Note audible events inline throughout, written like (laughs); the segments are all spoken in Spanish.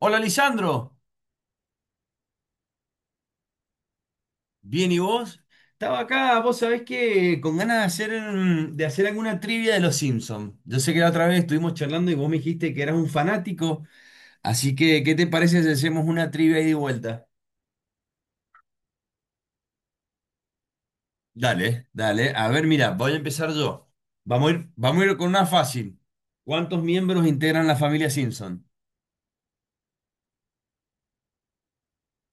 Hola Lisandro. ¿Bien y vos? Estaba acá, vos sabés que con ganas de hacer, de hacer alguna trivia de los Simpsons. Yo sé que la otra vez estuvimos charlando y vos me dijiste que eras un fanático, así que ¿qué te parece si hacemos una trivia ida y vuelta? Dale, dale. A ver, mira, voy a empezar yo. Vamos a ir con una fácil. ¿Cuántos miembros integran la familia Simpson?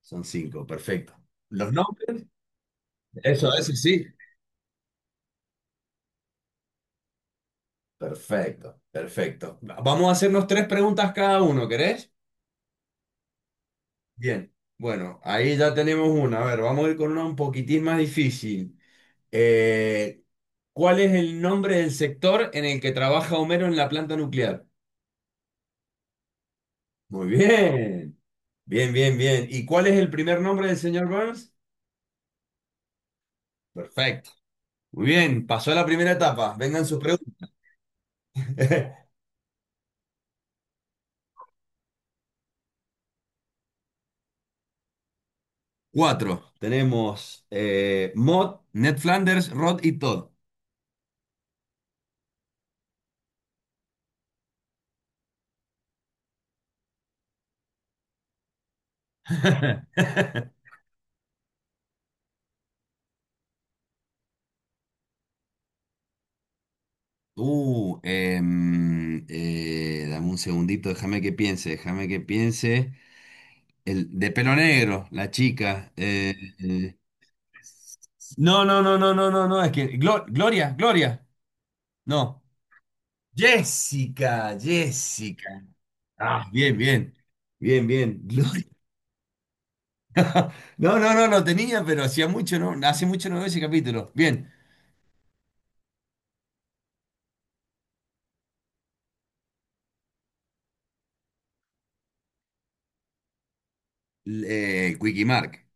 Son cinco, perfecto. ¿Los nombres? Eso sí. Perfecto, perfecto. Vamos a hacernos tres preguntas cada uno, ¿querés? Bien, bueno, ahí ya tenemos una. A ver, vamos a ir con una un poquitín más difícil. Eh, ¿Cuál es el nombre del sector en el que trabaja Homero en la planta nuclear? Muy bien, bien, bien, bien. ¿Y cuál es el primer nombre del señor Burns? Perfecto. Muy bien, pasó a la primera etapa. Vengan sus preguntas. (laughs) Cuatro. Tenemos Maude, Ned Flanders, Rod y Todd. (laughs) Dame un segundito, déjame que piense, déjame que piense. El de pelo negro, la chica. Eh, No, no, no, no, no, no, no, es que Gloria, Gloria, no. Jessica, Jessica. Ah, bien, bien. Bien, bien. Gloria. No, no, no, lo tenía, pero hacía mucho, no, hace mucho no veo ese capítulo. Bien. Quickie Mark.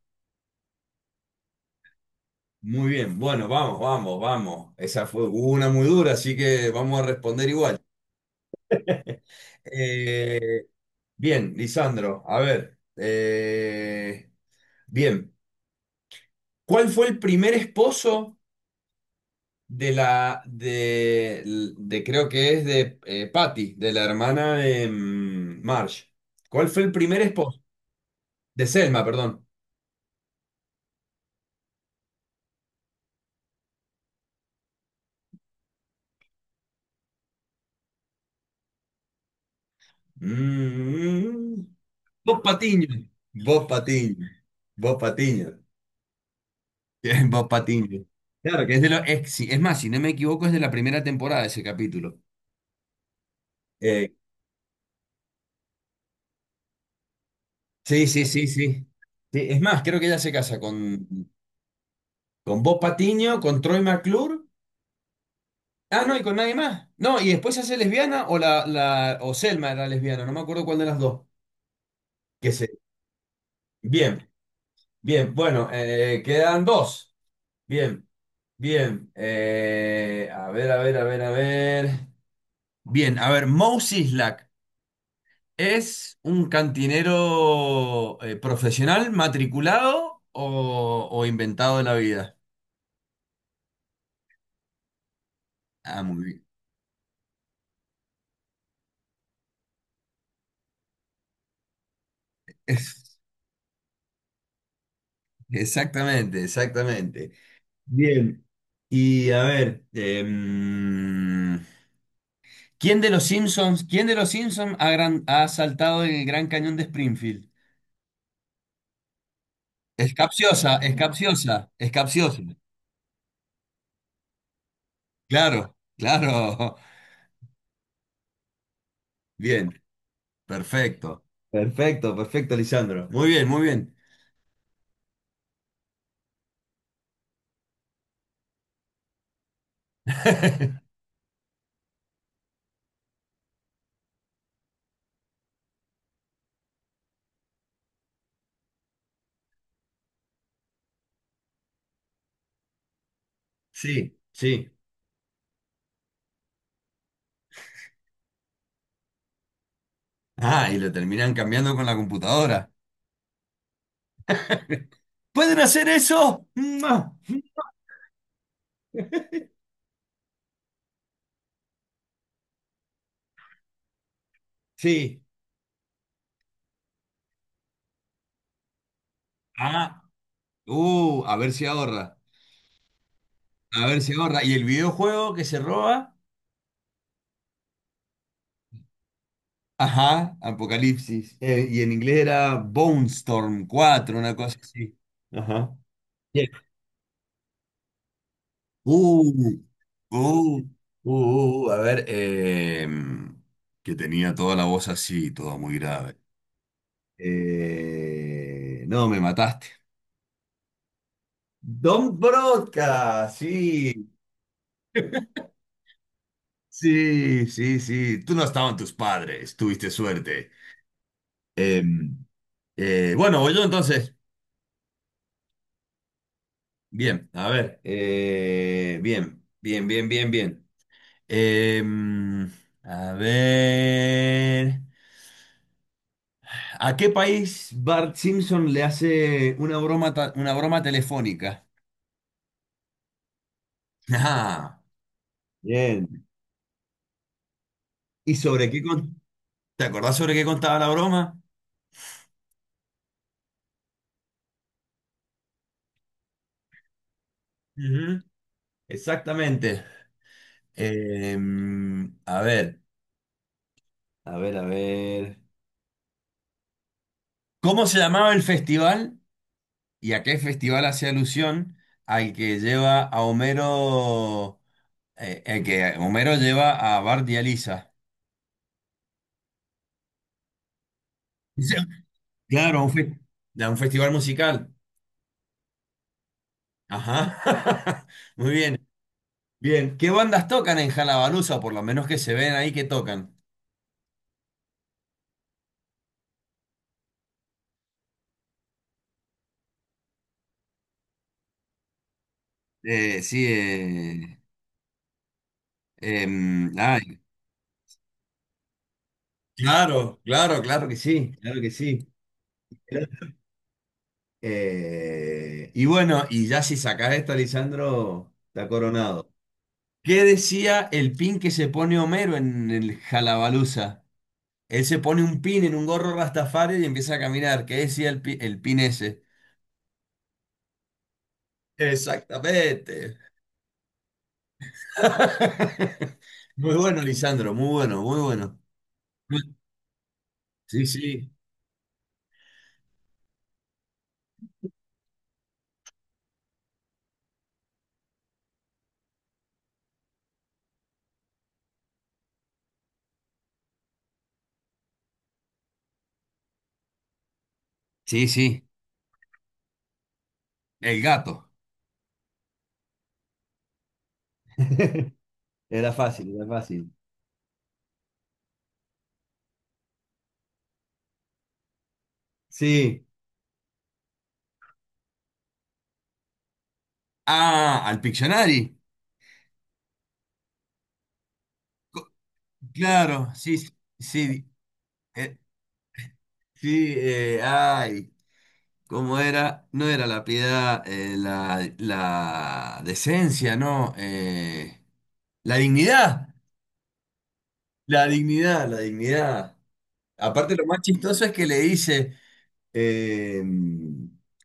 Muy bien. Bueno, vamos, vamos, vamos. Esa fue una muy dura, así que vamos a responder igual. (laughs) Eh, bien, Lisandro, a ver. Bien, ¿cuál fue el primer esposo de la, de- creo que es de Patty, de la hermana de Marge? ¿Cuál fue el primer esposo? De Selma, perdón. Mm, Bob Patiño. Bob Patiño. Bob Patiño. (laughs) Bien, Bob Patiño. Claro, que es de los es más, si no me equivoco, es de la primera temporada ese capítulo. Eh, Sí, sí, sí, sí. Sí, es más, creo que ella se casa con, Bob Patiño, con Troy McClure. Ah, no, y con nadie más. No, y después se hace lesbiana o la o Selma era lesbiana, no me acuerdo cuál de las dos. Que se- Bien, bien, bueno, quedan dos. Bien, bien. A ver, a ver, a ver, a ver. Bien, a ver, Mo Sislak es un cantinero profesional, matriculado o inventado de la vida. Ah, muy bien. (laughs) Exactamente, exactamente. Bien. Y a ver, ¿quién de los Simpsons ha saltado en el Gran Cañón de Springfield? Es capciosa, es capciosa, es capciosa. Claro, claro. (laughs) Bien, perfecto. Perfecto, perfecto, Lisandro. Muy bien, muy bien. (laughs) Sí, sí. Ah, y lo terminan cambiando con la computadora. ¿Pueden hacer eso? ¡Mua! Sí. Ah, a ver si ahorra. A ver si ahorra. Y el videojuego que se roba, ajá, Apocalipsis. Y en inglés era Bone Storm 4 una cosa así. Ajá. Bien. Uh, uh, a ver, que tenía toda la voz así, toda muy grave. No, me mataste. Don Broca, sí, sí, sí, sí. Tú no estaban tus padres, tuviste suerte. Eh, bueno, voy yo entonces. Bien, a ver, bien, bien, bien, bien, bien. Em, a ver, ¿a qué país Bart Simpson le hace una broma, una broma telefónica? (laughs) Ajá. Bien. ¿Y sobre qué con- ¿Te acordás sobre qué contaba la broma? Ujú, exactamente. A ver, a ver, a ver. ¿Cómo se llamaba el festival y a qué festival hace alusión al que lleva a Homero? Que Homero lleva a Bart y a Lisa. Dice, claro, a un festival musical. Ajá. (laughs) Muy bien. Bien. ¿Qué bandas tocan en Lollapalooza? Por lo menos que se ven ahí que tocan. Sí. Ay, claro, claro, claro que sí. Claro que sí. Y bueno, y ya si sacás esta, Lisandro, está coronado. ¿Qué decía el pin que se pone Homero en el Jalabaluza? Él se pone un pin en un gorro Rastafari y empieza a caminar. ¿Qué decía el pin ese? Exactamente. (laughs) Muy bueno, Lisandro, muy bueno, muy bueno. Sí, sí. Sí, sí. El gato. (laughs) Era fácil, era fácil. Sí. Ah, al Pictionary. Co- Claro, sí, sí. Sí, eh, sí, ay. ¿Cómo era? No era la piedad, la, decencia, ¿no? La dignidad, la dignidad, la dignidad. Aparte, lo más chistoso es que le dice, eh,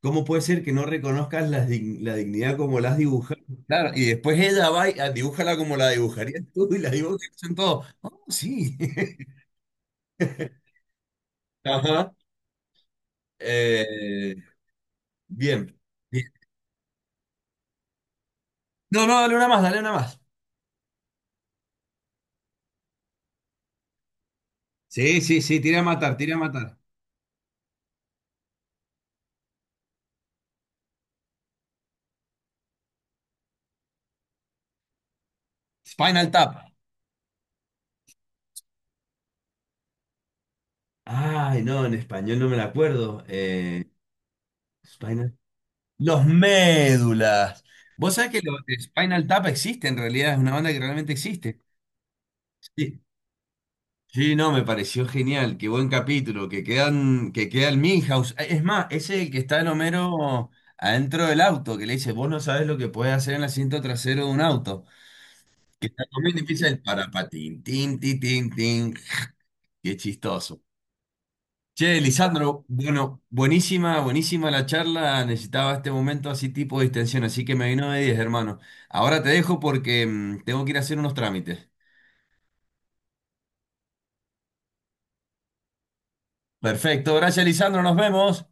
¿cómo puede ser que no reconozcas la dignidad como la has dibujado? Claro, y después ella va y ah, dibújala como la dibujarías tú y la dibujan todos. Oh, sí. (laughs) Ajá. Eh, bien. Bien. No, no, dale una más, dale una más. Sí, sí, sí, tira a matar, tira a matar. Spinal Tap. Ay, no, en español no me la acuerdo. Los Médulas. Vos sabés que los de Spinal Tap existe en realidad, es una banda que realmente existe. Sí, sí, no, me pareció genial, qué buen capítulo, que queda el Milhouse. Es más, ese el que está el Homero adentro del auto, que le dice, vos no sabés lo que puede hacer en el asiento trasero de un auto. Que está comiendo y empieza el parapatín, tin, tin, tin, tin. Qué chistoso. Che, Lisandro, bueno, buenísima, buenísima la charla. Necesitaba este momento así tipo de distensión, así que me vino de 10, hermano. Ahora te dejo porque tengo que ir a hacer unos trámites. Perfecto, gracias, Lisandro, nos vemos.